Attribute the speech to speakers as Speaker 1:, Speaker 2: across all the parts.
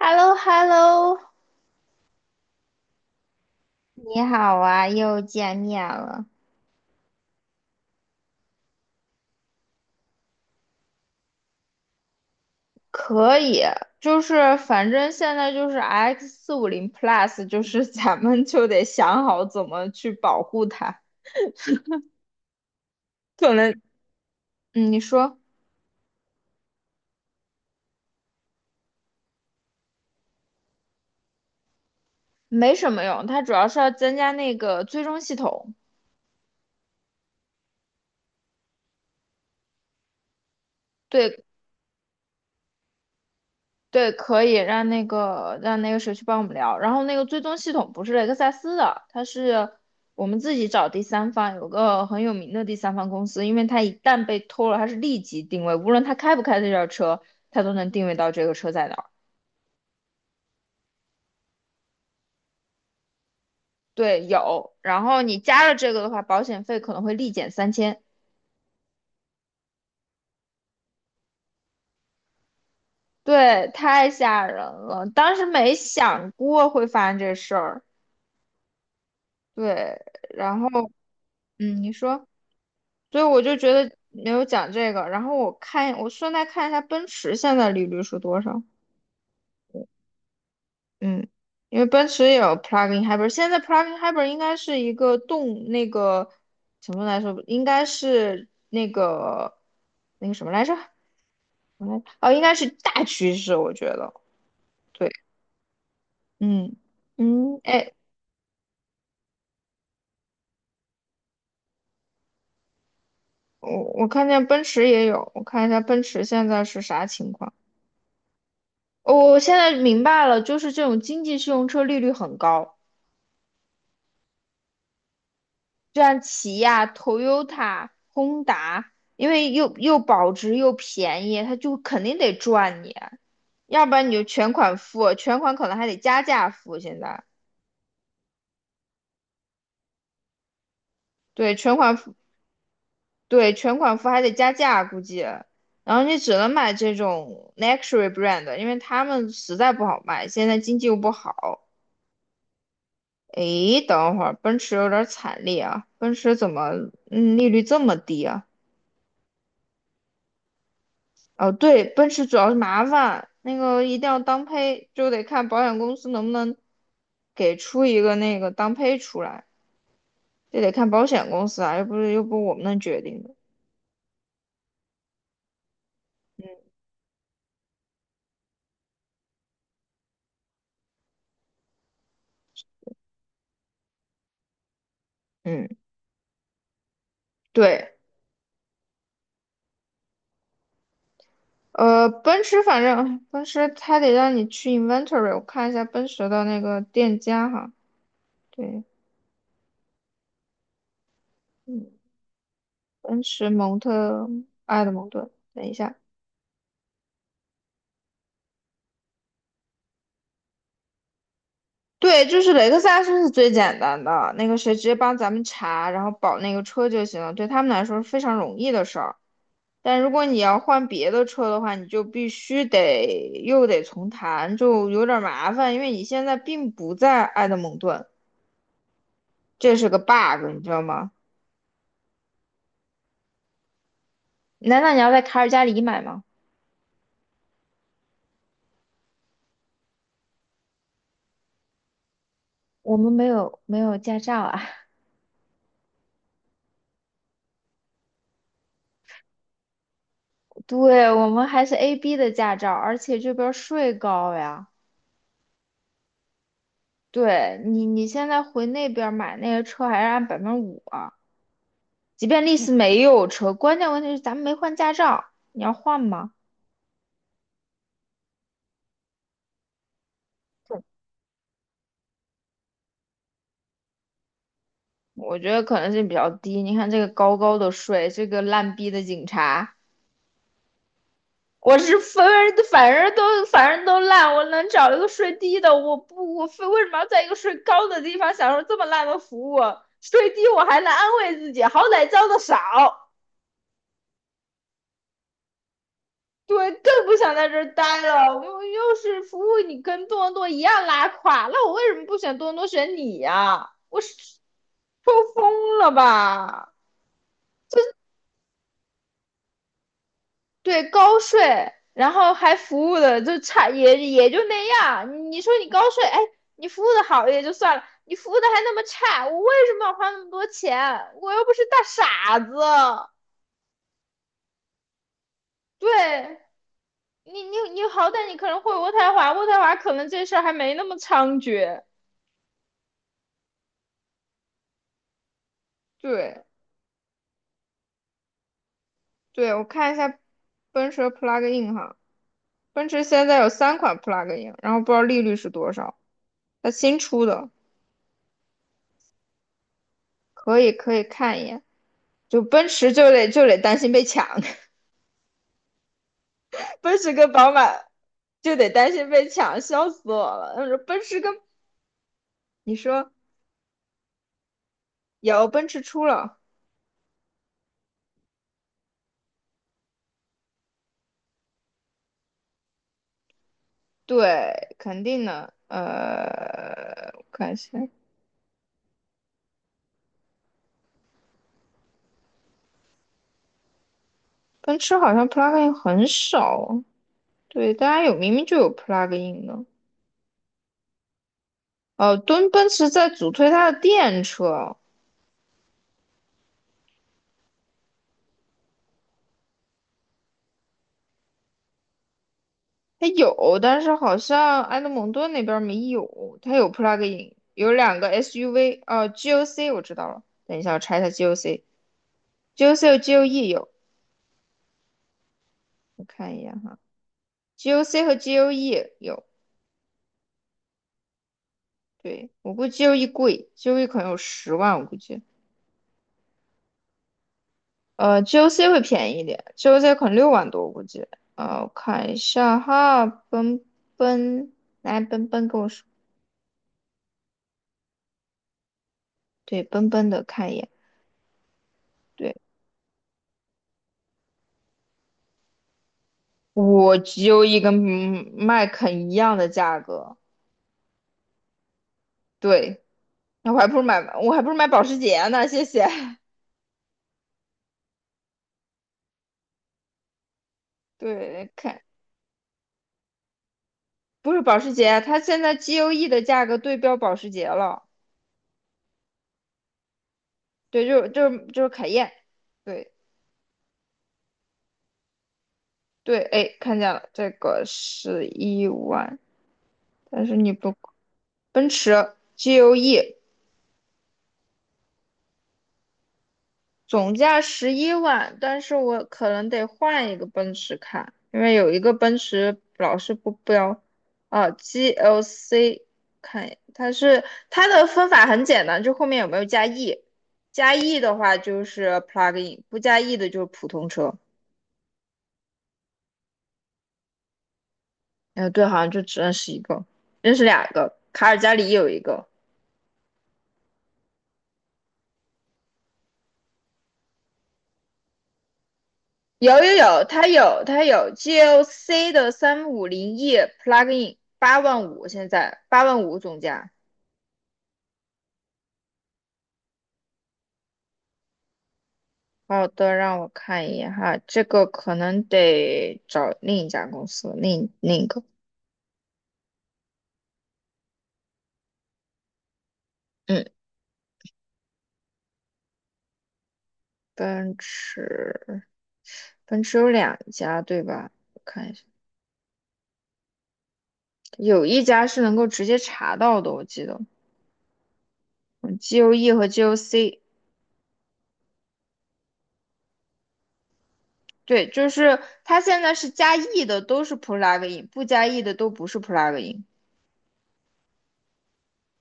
Speaker 1: h e l l o h e l l o 你好啊，又见面了。可以，就是反正现在就是 X 四五零 Plus，就是 咱们就得想好怎么去保护它。可能，嗯，你说。没什么用，它主要是要增加那个追踪系统。对对，可以让那个谁去帮我们聊。然后那个追踪系统不是雷克萨斯的，它是我们自己找第三方，有个很有名的第三方公司，因为它一旦被偷了，它是立即定位，无论它开不开这辆车，它都能定位到这个车在哪儿。对，有。然后你加了这个的话，保险费可能会立减3000。对，太吓人了，当时没想过会发生这事儿。对，然后嗯，你说。所以我就觉得没有讲这个。然后我看，我顺带看一下奔驰现在利率是多少。嗯，因为奔驰也有 plug-in hybrid，现在 plug-in hybrid 应该是一个动那个什么来说，应该是那个什么来着？嗯，哦，应该是大趋势，我觉得。对，嗯嗯，哎，我看见奔驰也有，我看一下奔驰现在是啥情况。哦我现在明白了，就是这种经济适用车利率很高。就像起亚、Toyota、Honda，因为又保值又便宜，它就肯定得赚你，要不然你就全款付，全款可能还得加价付。现在对全款付，对全款付还得加价，估计。然后你只能买这种 luxury brand，因为他们实在不好卖，现在经济又不好。诶，等会儿，奔驰有点惨烈啊！奔驰怎么，利率这么低啊？哦，对，奔驰主要是麻烦，那个一定要当配，就得看保险公司能不能给出一个那个当配出来，这得看保险公司啊，又不是我们能决定的。嗯，对，奔驰反正奔驰它得让你去 inventory，我看一下奔驰的那个店家哈。对，嗯，奔驰埃德蒙顿，等一下。对，就是雷克萨斯是最简单的，那个谁直接帮咱们查，然后保那个车就行了，对他们来说是非常容易的事儿。但如果你要换别的车的话，你就必须得重谈，就有点儿麻烦，因为你现在并不在埃德蒙顿，这是个 bug，你知道吗？难道你要在卡尔加里买吗？我们没有驾照啊。对，我们还是 AB 的驾照，而且这边儿税高呀。对，你，你现在回那边儿买那个车还是按5%啊？即便丽丝没有车，关键问题是咱们没换驾照，你要换吗？对，我觉得可能性比较低。你看这个高高的税，这个烂逼的警察。我是分反正都反正都烂，我能找一个税低的，我非为什么要在一个税高的地方享受这么烂的服务？税低我还能安慰自己，好歹交的少。对，更不想在这儿待了。我又是服务你跟多伦多一样拉垮，那我为什么不选多伦多选你呀、我是抽风了吧？对，高税，然后还服务的就差也就那样。你说你高税，哎，你服务的好也就算了，你服务的还那么差，我为什么要花那么多钱？我又不是大傻子。对，你，你好歹你可能会渥太华，渥太华可能这事儿还没那么猖獗。对。对，我看一下奔驰的 plug-in 哈，奔驰现在有三款 plug-in，然后不知道利率是多少，它新出的。可以可以看一眼。就奔驰就得担心被抢。奔驰跟宝马就得担心被抢，笑死我了。他说奔驰跟你说，有奔驰出了。对，肯定的。我看一下，奔驰好像 plug-in 很少哦，对，大家有明明就有 plug-in 的。哦，敦奔驰在主推它的电车，它有，但是好像埃德蒙顿那边儿没有。它有 plug-in，有两个 SUV，哦 g o c 我知道了，等一下我查一下 GOC，GOC 和 GOE 有，我看一眼哈，GOC 和 GOE 有。对，我估计 GOE 贵，GOE 可能有100,000，我估计，GOC 会便宜一点，GOC 可能60,000多，我估计，我看一下哈。奔来奔奔跟我说。对，奔奔的看一眼。对。我只有一跟麦肯一样的价格。对，那我还不如买，我还不如买保时捷呢，谢谢。对，看，不是保时捷，它现在 GOE 的价格对标保时捷了。对，就是凯宴。对对，哎，看见了，这个是一万。但是你不，奔驰 GOE。总价110,000，但是我可能得换一个奔驰看，因为有一个奔驰老是不标。啊，GLC 看一眼，它是它的分法很简单，就后面有没有加 E，加 E 的话就是 plug in，不加 E 的就是普通车。哎，对，好像就只认识一个，认识两个，卡尔加里有一个。有有有，它有 GLC 的三五零 E plug in，85,000，现在八万五总价。好的，让我看一眼哈，这个可能得找另一家公司，另一个。嗯，奔驰，奔驰有两家对吧？我看一下，有一家是能够直接查到的，我记得。嗯，GOE 和 GOC。对，就是它现在是加 E 的都是 plug in，不加 E 的都不是 plug in。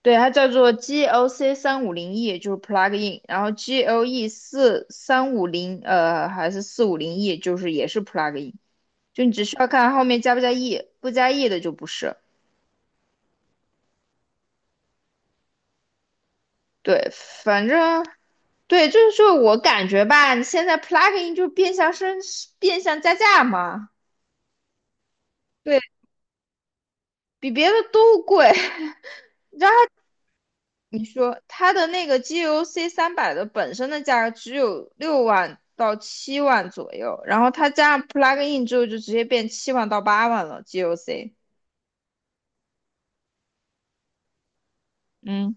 Speaker 1: 对，它叫做 GLC 三五零 E，就是 plug in，然后 GLE 4350呃还是四五零 E，就是也是 plug in，就你只需要看后面加不加 E，不加 E 的就不是。对，反正对，就是说我感觉吧，你现在 plug in 就变相变相加价嘛。对，比别的都贵。你说它的那个 GOC 300的本身的价格只有60,000到70,000左右，然后它加上 plug in 之后就直接变70,000到80,000了 GOC。G O C 嗯，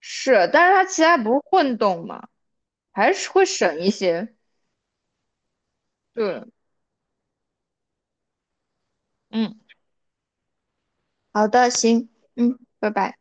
Speaker 1: 是，但是它其他不是混动嘛，还是会省一些。对，嗯。好的，行，嗯，拜拜。